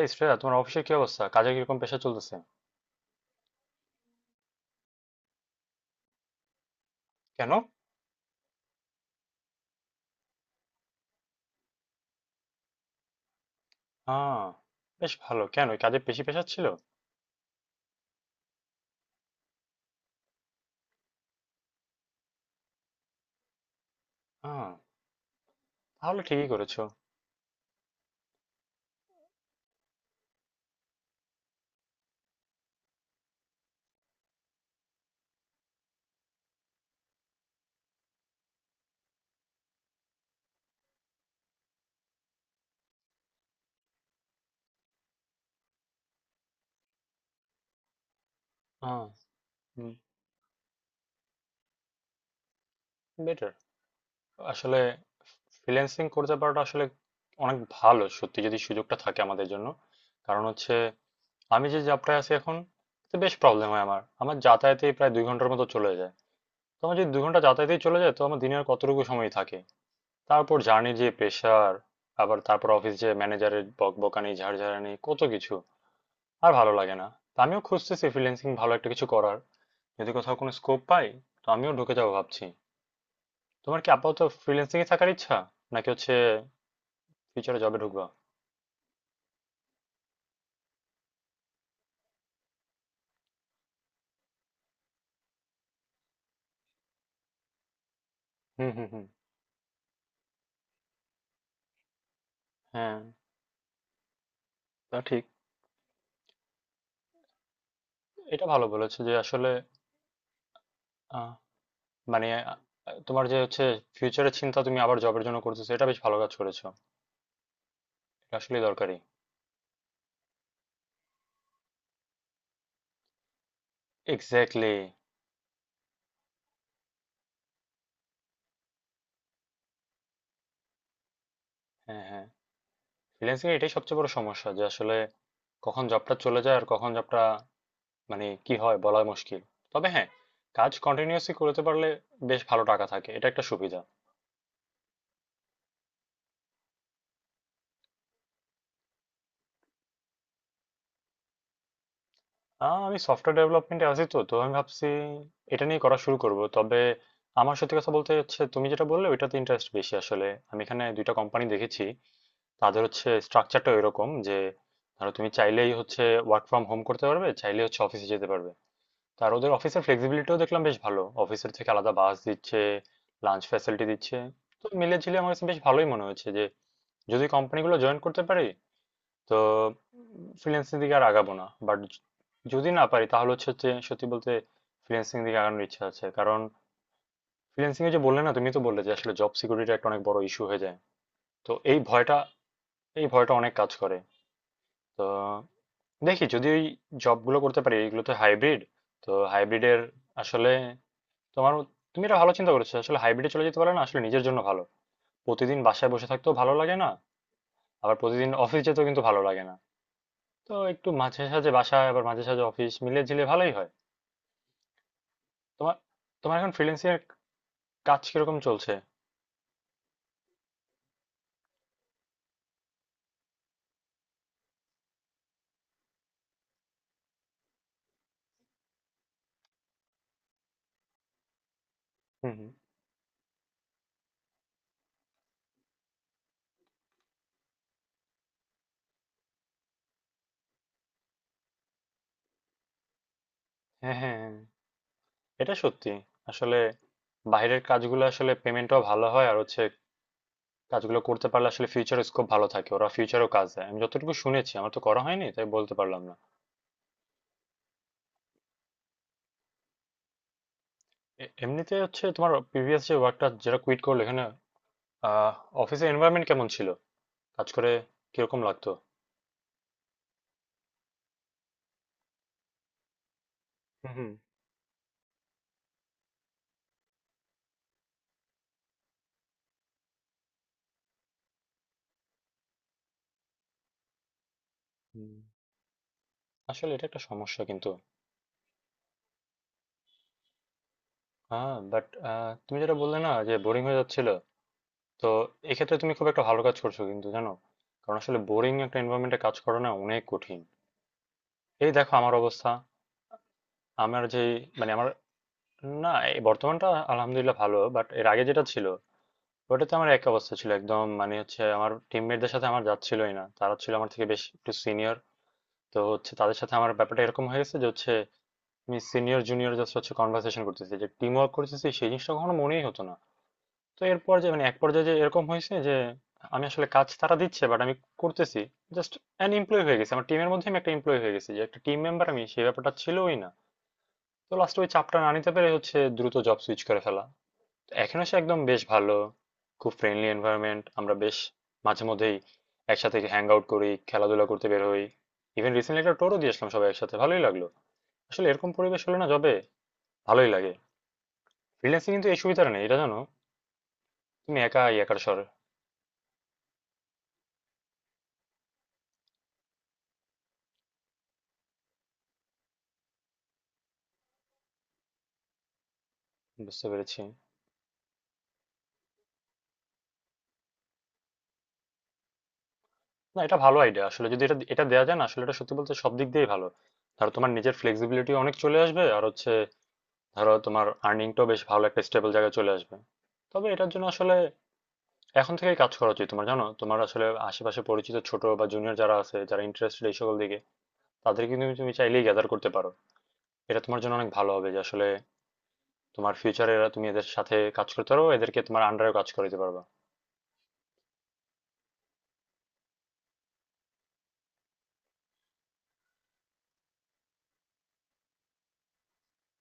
এই শ্রেয়া, তোমার অফিসের কি অবস্থা? কাজে কিরকম প্রেশার চলতেছে? কেন? হ্যাঁ, বেশ ভালো। কেন, এই কাজে বেশি প্রেশার ছিল? হ্যাঁ, তাহলে ঠিকই করেছো। হ্যাঁ, বেটার। আসলে ফ্রিল্যান্সিং করতে পারাটা আসলে অনেক ভালো সত্যি, যদি সুযোগটা থাকে আমাদের জন্য। কারণ হচ্ছে, আমি যে যাত্রায় আছি এখন, তো বেশ প্রবলেম হয়। আমার আমার যাতায়াতেই প্রায় 2 ঘন্টার মতো চলে যায়। তো আমার যদি 2 ঘন্টা যাতায়াতেই চলে যায়, তো আমার দিনের কতটুকু সময় থাকে? তারপর জার্নির যে প্রেশার, আবার তারপর অফিস, যে ম্যানেজারের বকবকানি ঝাড়ঝাড়ানি কত কিছু, আর ভালো লাগে না। তো আমিও খুঁজতেছি ফ্রিল্যান্সিং ভালো একটা কিছু করার। যদি কোথাও কোনো স্কোপ পাই, তো আমিও ঢুকে যাবো ভাবছি। তোমার কি আপাতত ফ্রিল্যান্সিং এ থাকার ইচ্ছা, নাকি হচ্ছে ফিউচারে জবে ঢুকবা? হুম হুম হুম। হ্যাঁ, তা ঠিক। এটা ভালো বলেছো যে আসলে আহ, মানে তোমার যে হচ্ছে ফিউচারের চিন্তা তুমি আবার জবের জন্য করতেছো, এটা বেশ ভালো কাজ করেছো। এটা আসলে দরকারি। এক্স্যাক্টলি। হ্যাঁ হ্যাঁ। ফ্রিল্যান্সিং এটাই সবচেয়ে বড় সমস্যা যে আসলে কখন জবটা চলে যায় আর কখন জবটা, মানে কি হয় বলা মুশকিল। তবে হ্যাঁ, কাজ কন্টিনিউয়াসলি করতে পারলে বেশ ভালো টাকা থাকে, এটা একটা সুবিধা। আমি সফটওয়্যার ডেভেলপমেন্টে আছি, তো তো আমি ভাবছি এটা নিয়ে করা শুরু করব। তবে আমার সত্যি কথা বলতে হচ্ছে, তুমি যেটা বললে ওইটাতে ইন্টারেস্ট বেশি। আসলে আমি এখানে দুইটা কোম্পানি দেখেছি, তাদের হচ্ছে স্ট্রাকচারটা এরকম যে ধরো তুমি চাইলেই হচ্ছে ওয়ার্ক ফ্রম হোম করতে পারবে, চাইলেই হচ্ছে অফিসে যেতে পারবে। আর ওদের অফিসের ফ্লেক্সিবিলিটিও দেখলাম বেশ ভালো, অফিসের থেকে আলাদা বাস দিচ্ছে, লাঞ্চ ফ্যাসিলিটি দিচ্ছে। তো মিলে ঝিলে আমার কাছে বেশ ভালোই মনে হচ্ছে যে যদি কোম্পানিগুলো জয়েন করতে পারি, তো ফ্রিল্যান্সিং দিকে আর আগাবো না। বাট যদি না পারি, তাহলে হচ্ছে যে সত্যি বলতে ফ্রিল্যান্সিং দিকে আগানোর ইচ্ছা আছে। কারণ ফ্রিল্যান্সিং এ, যে বললে না তুমি, তো বললে যে আসলে জব সিকিউরিটি একটা অনেক বড় ইস্যু হয়ে যায়। তো এই ভয়টা, এই ভয়টা অনেক কাজ করে। তো দেখি যদি ওই জবগুলো করতে পারি, এগুলো তো হাইব্রিড। তো হাইব্রিডের আসলে তোমার, তুমি এটা ভালো চিন্তা করেছো, আসলে হাইব্রিডে চলে যেতে পারলে না আসলে নিজের জন্য ভালো। প্রতিদিন বাসায় বসে থাকতেও ভালো লাগে না, আবার প্রতিদিন অফিস যেতেও কিন্তু ভালো লাগে না। তো একটু মাঝে সাঝে বাসা আবার মাঝে সাঝে অফিস মিলিয়ে ঝিলিয়ে ভালোই হয়। তোমার, তোমার এখন ফ্রিল্যান্সিং কাজ কিরকম চলছে? হুম হুম। হ্যাঁ হ্যাঁ হ্যাঁ। এটা সত্যি। আসলে বাইরের কাজগুলো আসলে পেমেন্টও ভালো হয়, আর হচ্ছে কাজগুলো করতে পারলে আসলে ফিউচার স্কোপ ভালো থাকে, ওরা ফিউচারও কাজ দেয় আমি যতটুকু শুনেছি। আমার তো করা হয়নি, তাই বলতে পারলাম না। এমনিতে হচ্ছে, তোমার প্রিভিয়াস যে ওয়ার্কটা যেটা কুইট করলে এখানে, আহ, অফিসের এনভায়রনমেন্ট কেমন ছিল, কাজ করে কিরকম লাগতো? হুম হুম হুম। আসলে এটা একটা সমস্যা কিন্তু। হ্যাঁ, বাট তুমি যেটা বললে না যে বোরিং হয়ে যাচ্ছিল, তো এক্ষেত্রে তুমি খুব একটা ভালো কাজ করছো কিন্তু জানো। কারণ আসলে বোরিং একটা এনভায়রনমেন্টে কাজ করা না অনেক কঠিন। এই দেখো আমার অবস্থা। আমার যে, মানে আমার, না এই বর্তমানটা আলহামদুলিল্লাহ ভালো, বাট এর আগে যেটা ছিল ওটাতে আমার এক অবস্থা ছিল একদম। মানে হচ্ছে আমার টিমমেটদের সাথে আমার যাচ্ছিলই না, তারা ছিল আমার থেকে বেশ একটু সিনিয়র। তো হচ্ছে তাদের সাথে আমার ব্যাপারটা এরকম হয়ে গেছে যে হচ্ছে আমি সিনিয়র জুনিয়র জাস্ট হচ্ছে কনভার্সেশন করতেছি, যে টিম ওয়ার্ক করতেছি সেই জিনিসটা কখনো মনেই হতো না। তো এর পর্যায়ে, মানে এক পর্যায়ে যে এরকম হয়েছে যে আমি আসলে, কাজ তারা দিচ্ছে বাট আমি করতেছি জাস্ট। অ্যান এমপ্লয় হয়ে গেছি, আমার টিমের মধ্যে আমি একটা এমপ্লয় হয়ে গেছি, যে একটা টিম মেম্বার আমি সেই ব্যাপারটা ছিলই না। তো লাস্টে ওই চাপটা না নিতে পেরে হচ্ছে দ্রুত জব সুইচ করে ফেলা। তো এখনো সে একদম বেশ ভালো, খুব ফ্রেন্ডলি এনভায়রনমেন্ট। আমরা বেশ মাঝে মধ্যেই একসাথে হ্যাং আউট করি, খেলাধুলা করতে বের হই। ইভেন রিসেন্টলি একটা টোরও দিয়ে আসলাম সবাই একসাথে, ভালোই লাগলো। আসলে এরকম পরিবেশ হলে না জবে ভালোই লাগে। ফ্রিল্যান্সিং কিন্তু এই সুবিধাটা নেই, এটা জানো। তুমি একা একার স্বর। বুঝতে পেরেছি। না এটা ভালো আইডিয়া আসলে, যদি এটা এটা দেওয়া যায় না আসলে, এটা সত্যি বলতে সব দিক দিয়েই ভালো। ধরো তোমার নিজের ফ্লেক্সিবিলিটি অনেক চলে আসবে, আর হচ্ছে ধরো তোমার আর্নিংটাও বেশ ভালো একটা স্টেবল জায়গায় চলে আসবে। তবে এটার জন্য আসলে এখন থেকেই কাজ করা উচিত তোমার, জানো। তোমার আসলে আশেপাশে পরিচিত ছোট বা জুনিয়র যারা আছে, যারা ইন্টারেস্টেড এই সকল দিকে, তাদেরকে কিন্তু তুমি তুমি চাইলেই গ্যাদার করতে পারো। এটা তোমার জন্য অনেক ভালো হবে যে আসলে তোমার ফিউচারে এরা, তুমি এদের সাথে কাজ করতে পারো, এদেরকে তোমার আন্ডারেও কাজ করাতে পারবা।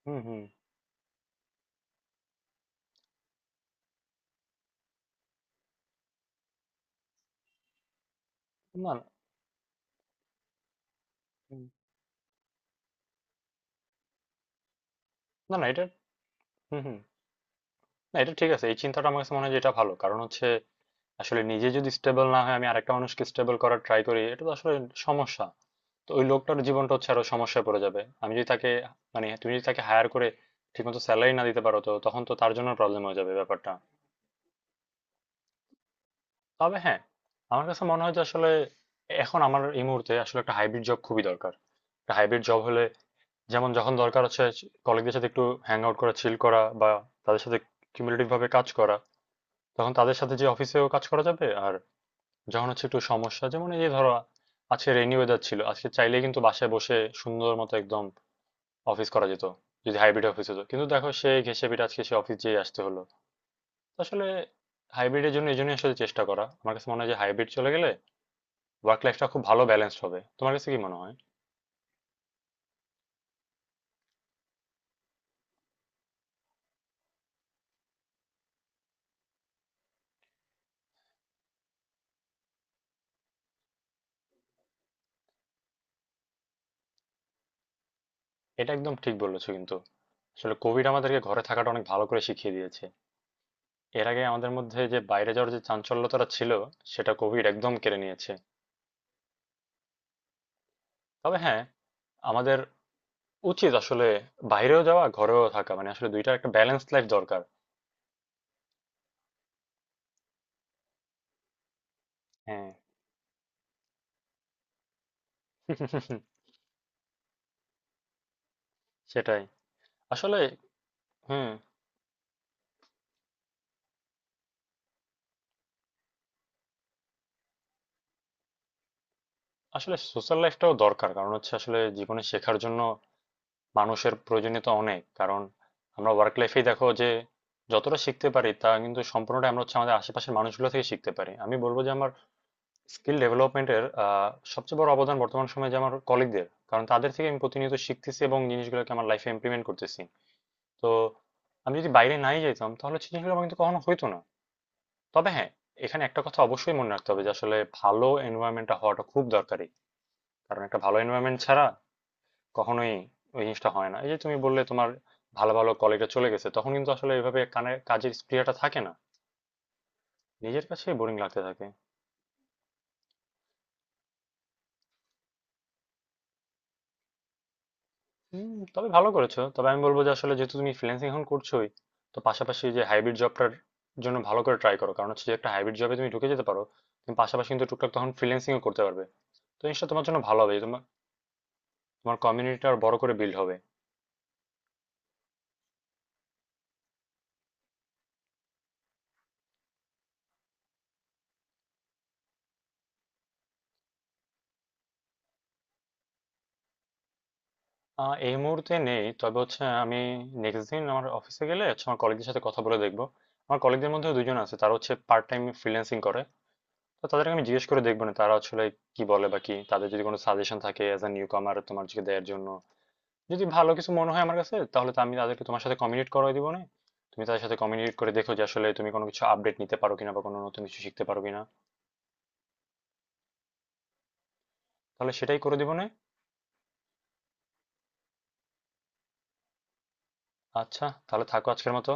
হুম হুম। না না। হুম। না না এটা, হুম হুম, না এটা ঠিক আছে। এই চিন্তাটা আমার কাছে মনে হয় যে এটা ভালো, কারণ হচ্ছে আসলে নিজে যদি স্টেবল না হয়, আমি আরেকটা মানুষকে স্টেবল করার ট্রাই করি, এটা তো আসলে সমস্যা। তো ওই লোকটার জীবনটা হচ্ছে আরো সমস্যায় পড়ে যাবে আমি যদি তাকে, মানে তুমি যদি তাকে হায়ার করে ঠিকমতো স্যালারি না দিতে পারো, তো তখন তো তার জন্য প্রবলেম হয়ে যাবে ব্যাপারটা। তবে হ্যাঁ, আমার কাছে মনে হয় যে আসলে এখন, আমার এই মুহূর্তে আসলে একটা হাইব্রিড জব খুবই দরকার। একটা হাইব্রিড জব হলে, যেমন যখন দরকার হচ্ছে কলিগদের সাথে একটু হ্যাং আউট করা, চিল করা, বা তাদের সাথে কিউমুলেটিভ ভাবে কাজ করা, তখন তাদের সাথে যে অফিসেও কাজ করা যাবে। আর যখন হচ্ছে একটু সমস্যা, যেমন এই যে ধরো আজকে রেইনি ওয়েদার ছিল, আজকে চাইলে কিন্তু বাসায় বসে সুন্দর মতো একদম অফিস করা যেত যদি হাইব্রিড অফিস হতো, কিন্তু দেখো সে ঘেঁষে পিটে আজকে সে অফিস যেয়ে আসতে হলো। তো আসলে হাইব্রিডের জন্য এই জন্যই আসলে চেষ্টা করা। আমার কাছে মনে হয় যে হাইব্রিড চলে গেলে ওয়ার্ক লাইফটা খুব ভালো ব্যালেন্স হবে। তোমার কাছে কি মনে হয়? এটা একদম ঠিক বলেছো কিন্তু। আসলে কোভিড আমাদেরকে ঘরে থাকাটা অনেক ভালো করে শিখিয়ে দিয়েছে। এর আগে আমাদের মধ্যে যে বাইরে যাওয়ার যে চাঞ্চল্যতাটা ছিল, সেটা কোভিড একদম কেড়ে নিয়েছে। তবে হ্যাঁ, আমাদের উচিত আসলে বাইরেও যাওয়া ঘরেও থাকা, মানে আসলে দুইটার একটা ব্যালেন্স লাইফ দরকার। হ্যাঁ। সেটাই। আসলে হুম। আসলে সোশ্যাল লাইফটাও দরকার, কারণ হচ্ছে আসলে জীবনে শেখার জন্য মানুষের প্রয়োজনীয়তা অনেক। কারণ আমরা ওয়ার্ক লাইফেই দেখো যে যতটা শিখতে পারি তা কিন্তু সম্পূর্ণটা আমরা হচ্ছে আমাদের আশেপাশের মানুষগুলো থেকে শিখতে পারি। আমি বলবো যে আমার স্কিল ডেভেলপমেন্টের সবচেয়ে বড় অবদান বর্তমান সময়ে যে আমার কলিগদের, কারণ তাদের থেকে আমি প্রতিনিয়ত শিখতেছি এবং জিনিসগুলোকে আমার লাইফে ইমপ্লিমেন্ট করতেছি। তো আমি যদি বাইরে নাই যেতাম, তাহলে সৃজনশীল আমার কিন্তু কখনো হইতো না। তবে হ্যাঁ, এখানে একটা কথা অবশ্যই মনে রাখতে হবে যে আসলে ভালো এনভায়রনমেন্টটা হওয়াটা খুব দরকারি, কারণ একটা ভালো এনভায়রনমেন্ট ছাড়া কখনোই ওই জিনিসটা হয় না। এই যে তুমি বললে তোমার ভালো ভালো কলিগরা চলে গেছে, তখন কিন্তু আসলে এভাবে কানে কাজের স্পৃহাটা থাকে না, নিজের কাছে বোরিং লাগতে থাকে। হুম, তবে ভালো করেছো। তবে আমি বলবো যে আসলে যেহেতু তুমি ফ্রিল্যান্সিং এখন করছোই, তো পাশাপাশি যে হাইব্রিড জবটার জন্য ভালো করে ট্রাই করো, কারণ হচ্ছে যে একটা হাইব্রিড জবে তুমি ঢুকে যেতে পারো, তুমি পাশাপাশি কিন্তু টুকটাক তখন ফ্রিল্যান্সিংও করতে পারবে। তো জিনিসটা তোমার জন্য ভালো হবে, তোমার, তোমার কমিউনিটিটা আর বড় করে বিল্ড হবে। এই মুহূর্তে নেই, তবে হচ্ছে আমি নেক্সট দিন আমার অফিসে গেলে হচ্ছে আমার কলিগদের সাথে কথা বলে দেখবো। আমার কলিগদের মধ্যে দুজন আছে, তারা হচ্ছে পার্ট টাইম ফ্রিল্যান্সিং করে। তো তাদেরকে আমি জিজ্ঞেস করে দেখবো না তারা আসলে কি বলে বা কি, তাদের যদি কোনো সাজেশন থাকে অ্যাজ এ নিউ কামার তোমার দিকে দেওয়ার জন্য, যদি ভালো কিছু মনে হয় আমার কাছে, তাহলে তো আমি তাদেরকে তোমার সাথে কমিউনিকেট করে দিব না, তুমি তাদের সাথে কমিউনিকেট করে দেখো যে আসলে তুমি কোনো কিছু আপডেট নিতে পারো কিনা বা কোনো নতুন কিছু শিখতে পারো কিনা। তাহলে সেটাই করে দিব না। আচ্ছা, তাহলে থাকো আজকের মতো।